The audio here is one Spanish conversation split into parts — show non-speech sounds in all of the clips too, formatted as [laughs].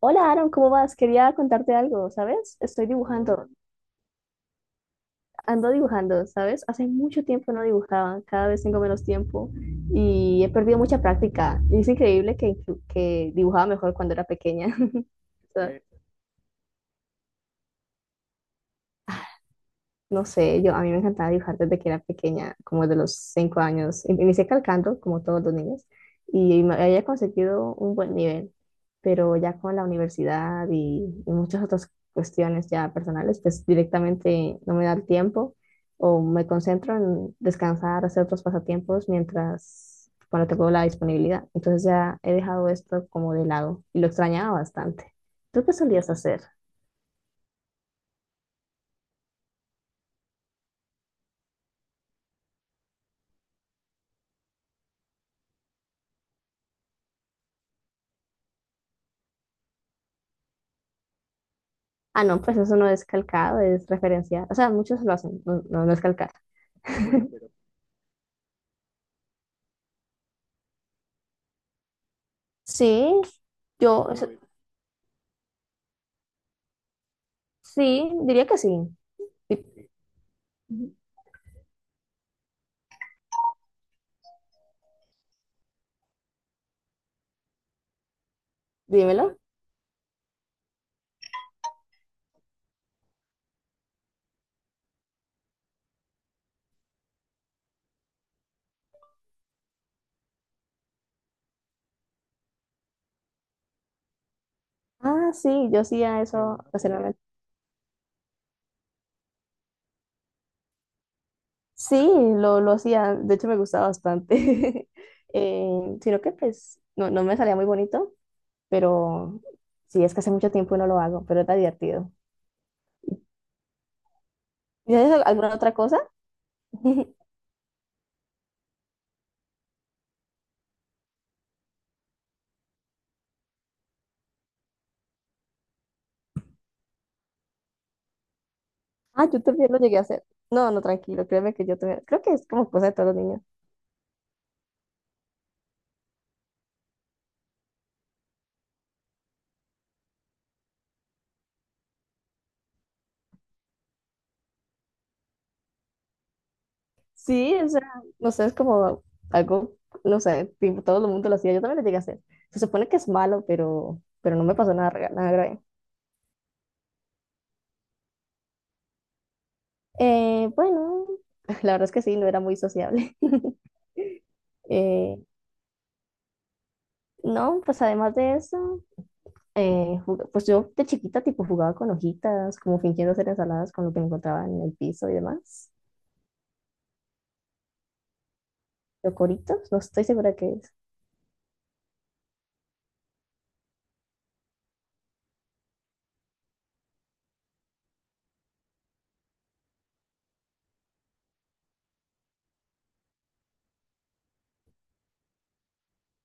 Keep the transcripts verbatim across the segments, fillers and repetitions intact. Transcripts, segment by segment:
Hola Aaron, ¿cómo vas? Quería contarte algo, ¿sabes? Estoy dibujando, ando dibujando, ¿sabes? Hace mucho tiempo no dibujaba, cada vez tengo menos tiempo y he perdido mucha práctica. Es increíble que, que dibujaba mejor cuando era pequeña. [laughs] O sea, no sé, yo a mí me encantaba dibujar desde que era pequeña, como de los cinco años. In- Inicié calcando, como todos los niños, y me había conseguido un buen nivel, pero ya con la universidad y, y muchas otras cuestiones ya personales, pues directamente no me da el tiempo o me concentro en descansar, hacer otros pasatiempos mientras, cuando tengo la disponibilidad. Entonces ya he dejado esto como de lado y lo extrañaba bastante. ¿Tú qué solías hacer? Ah, no, pues eso no es calcado, es referenciado. O sea, muchos lo hacen, no, no, no es calcar. [laughs] Sí, yo, eso- sí, diría que sí. Di- Dímelo. Ah, sí, yo hacía eso ocasionalmente. Sí, lo, lo hacía, de hecho me gustaba bastante. [laughs] Eh, sino que pues no, no me salía muy bonito, pero sí, es que hace mucho tiempo no lo hago, pero está divertido. ¿Y haces al- alguna otra cosa? [laughs] Ah, yo también lo llegué a hacer. No, no, tranquilo, créeme que yo también, creo que es como cosa de todos los niños. Sí, o sea, no sé, es como algo, no sé, tipo, todo el mundo lo hacía, yo también lo llegué a hacer. Se supone que es malo, pero, pero no me pasó nada, gra- nada grave. Eh, bueno, [laughs] la verdad es que sí, no era muy sociable. [laughs] Eh, no, pues además de eso, eh, jug- pues yo de chiquita tipo jugaba con hojitas, como fingiendo hacer ensaladas con lo que me encontraba en el piso y demás. Coritos, no estoy segura qué es.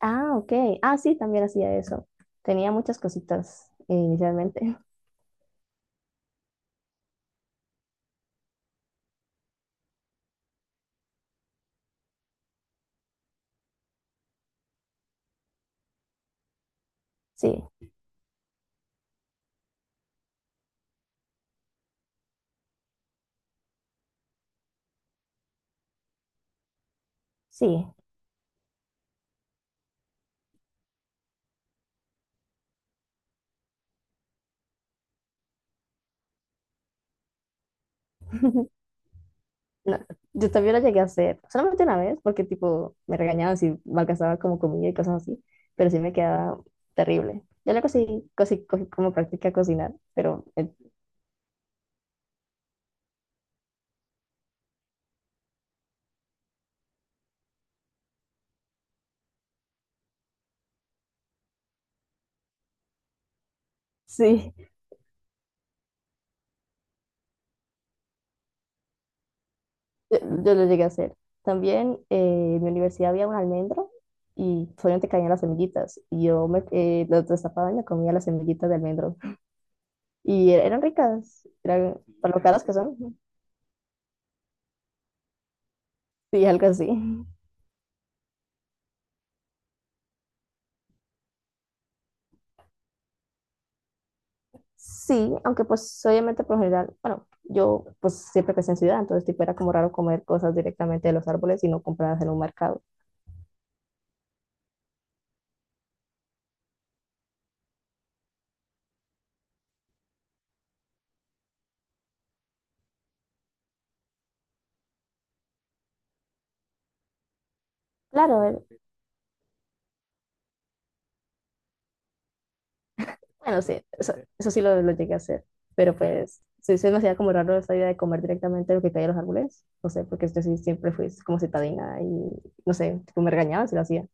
Ah, ok. Ah, sí, también hacía eso. Tenía muchas cositas eh, inicialmente. [laughs] Sí, sí. [laughs] No, yo también la llegué a hacer, solamente una vez, porque tipo me regañaban si malgastaba como comida y cosas así, pero sí me quedaba terrible. Ya la cosí, cosí, cogí como práctica cocinar, pero eh, sí, yo, yo lo llegué a hacer. También eh, en mi universidad había un almendro y solamente caían las semillitas y yo me eh, lo destapaba y me comía las semillitas de almendro. Y er- eran ricas, eran para lo caras que son, sí, algo así. Sí, aunque pues obviamente por lo general, bueno, yo pues siempre crecí en ciudad, entonces tipo era como raro comer cosas directamente de los árboles y no compradas en un mercado. Claro, a bueno, sí, eso, eso sí lo, lo llegué a hacer, pero pues sí, se me hacía como raro esa idea de comer directamente lo que caía de los árboles, no sé, porque yo sí siempre fui como citadina y no sé, tipo me regañaban si lo hacía.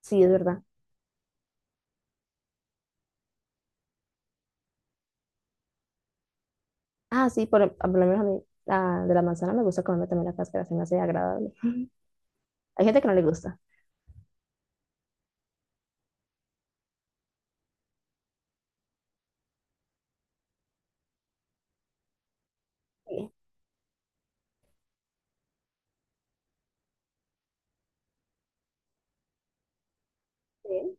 Sí, es verdad. Ah, sí, por, por lo menos a mí la, de la manzana me gusta comerme también la cáscara, se me hace agradable. [laughs] Hay gente que no le gusta. Sí, sí.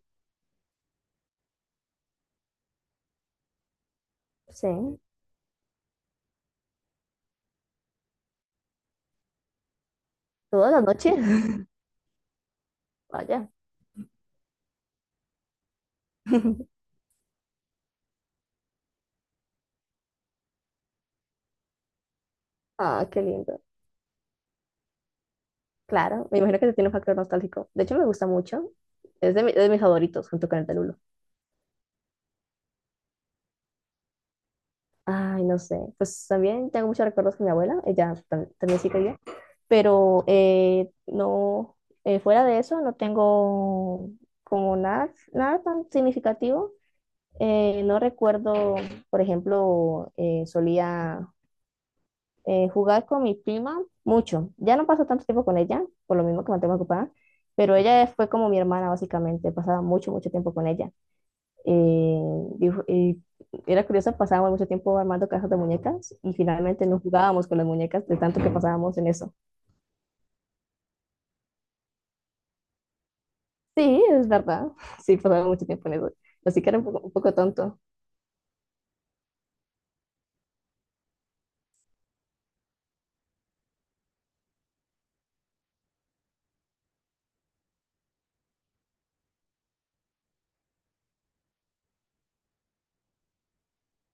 Sí, todas las noches. [laughs] Vaya. [laughs] Ah, qué lindo. Claro, me imagino que tiene un factor nostálgico. De hecho, me gusta mucho. Es de, mi- de mis favoritos, junto con el Telulo. Ay, no sé. Pues también tengo muchos recuerdos con mi abuela. Ella tam- también sí quería. Pero eh, no, eh, fuera de eso, no tengo como nada, nada tan significativo. Eh, no recuerdo, por ejemplo, eh, solía eh, jugaba con mi prima mucho. Ya no paso tanto tiempo con ella, por lo mismo que me mantengo ocupada, pero ella fue como mi hermana, básicamente. Pasaba mucho, mucho tiempo con ella. Eh, dijo- y era curioso, pasábamos mucho tiempo armando cajas de muñecas y finalmente no jugábamos con las muñecas de tanto que pasábamos en eso. Sí, es verdad. [laughs] Sí, pasábamos mucho tiempo en eso. Así que era un poco, un poco tonto.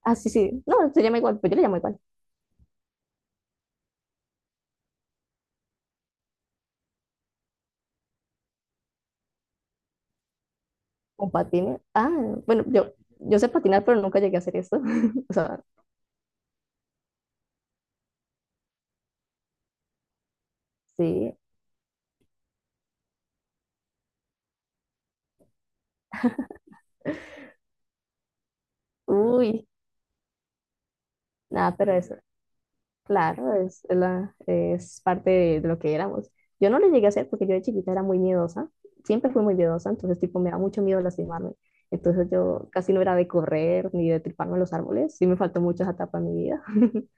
Ah, sí, sí. No, se llama igual, pero yo le llamo igual. Con patines. Ah, bueno, yo, yo sé patinar, pero nunca llegué a hacer eso. [laughs] O sea, sí. Uy, nada, pero eso, claro, es, la, es parte de, de lo que éramos. Yo no lo llegué a hacer porque yo de chiquita era muy miedosa, siempre fui muy miedosa, entonces tipo me da mucho miedo lastimarme. Entonces yo casi no era de correr ni de triparme en los árboles, sí me faltó mucho esa etapa en mi vida. [laughs]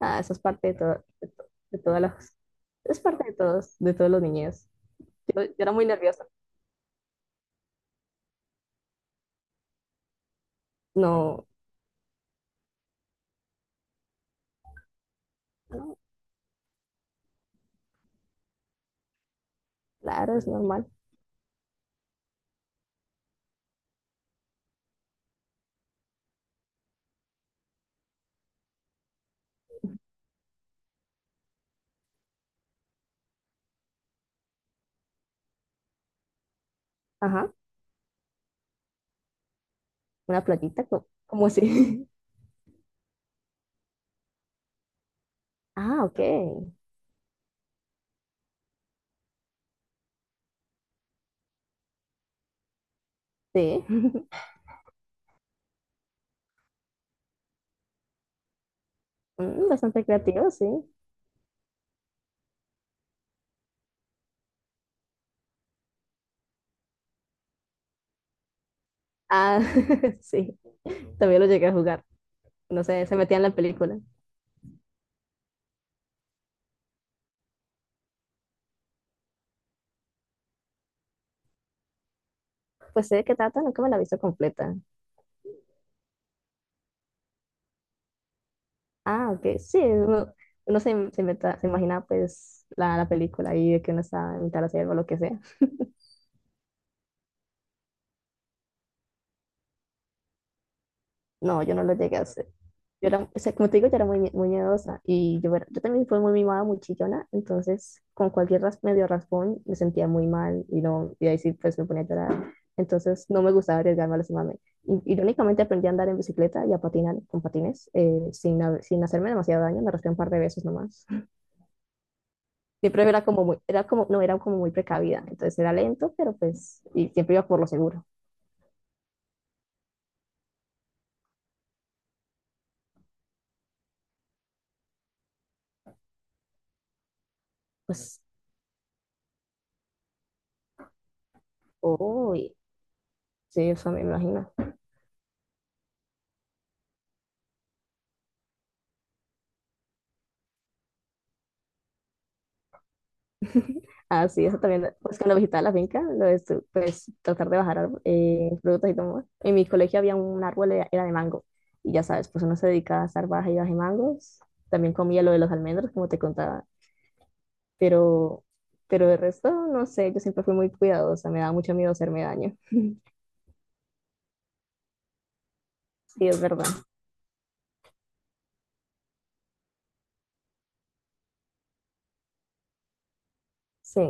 Ah, eso es parte de, todo, de, to- de todas las, es parte de todos, de todos los niños. Yo, yo era muy nerviosa. No, no, claro, es normal. Ajá, una playita, co- como así? [laughs] Ah, ok, sí, [laughs] mm, bastante creativo, sí. Ah, [laughs] sí, también lo llegué a jugar. No sé, se metía en la película. Pues sé de qué trata, nunca me la he visto completa. Ah, ok, sí, uno, uno se, se, meta- se imagina pues la, la película ahí de que uno está en mitad de la selva o lo que sea. No, yo no lo llegué a hacer. Yo era, o sea, como te digo, yo era muy, muy miedosa y yo, era- yo también fui muy mimada, muy chillona, entonces con cualquier ras- medio raspón me sentía muy mal y, no, y ahí sí pues me ponía a llorar. Entonces no me gustaba arriesgarme a lastimarme. Y- Irónicamente aprendí a andar en bicicleta y a patinar con patines eh, sin, ha- sin hacerme demasiado daño, me raspé un par de veces nomás. Siempre era como muy, era como, no, era como muy precavida, entonces era lento, pero pues, y siempre iba por lo seguro. Pues, uy, sí, eso me imagino. Ah, sí, eso también, pues cuando visitaba la finca, lo de su- pues tratar de bajar árbol- eh, frutas y todo. En mi colegio había un árbol, era era de mango, y ya sabes, pues uno se dedicaba a estar baja y baja mangos, también comía lo de los almendros, como te contaba, pero, pero el resto, no sé, yo siempre fui muy cuidadosa, me daba mucho miedo hacerme daño, sí, es verdad, sí.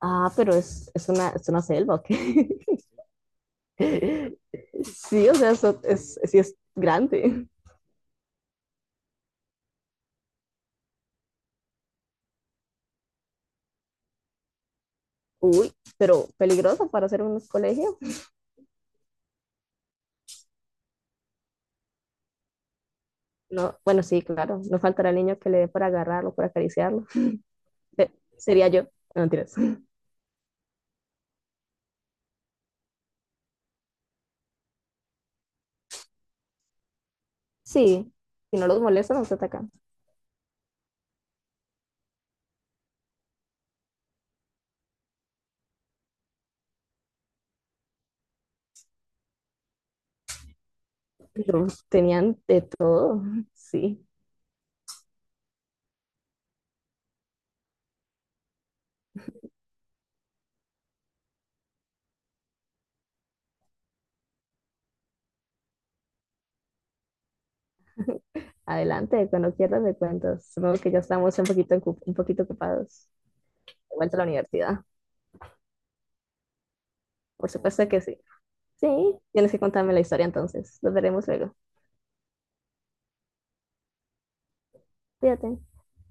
Ah, pero es, es una, es una selva, ¿ok? [laughs] Sí, o sea, eso es, sí es grande. Uy, pero peligroso para hacer un colegio. No, bueno, sí, claro. No faltará el niño que le dé por agarrarlo, por acariciarlo. [laughs] Se- Sería yo. No, mentiras. Sí, si no los molesta, no te atacan. Pero tenían de todo. [laughs] Sí, adelante, cuando quieras me cuentas. Supongo que ya estamos un poquito, ocu- un poquito ocupados. De vuelta a la universidad. Por supuesto que sí. Sí, tienes que contarme la historia entonces. Nos veremos luego. Cuídate.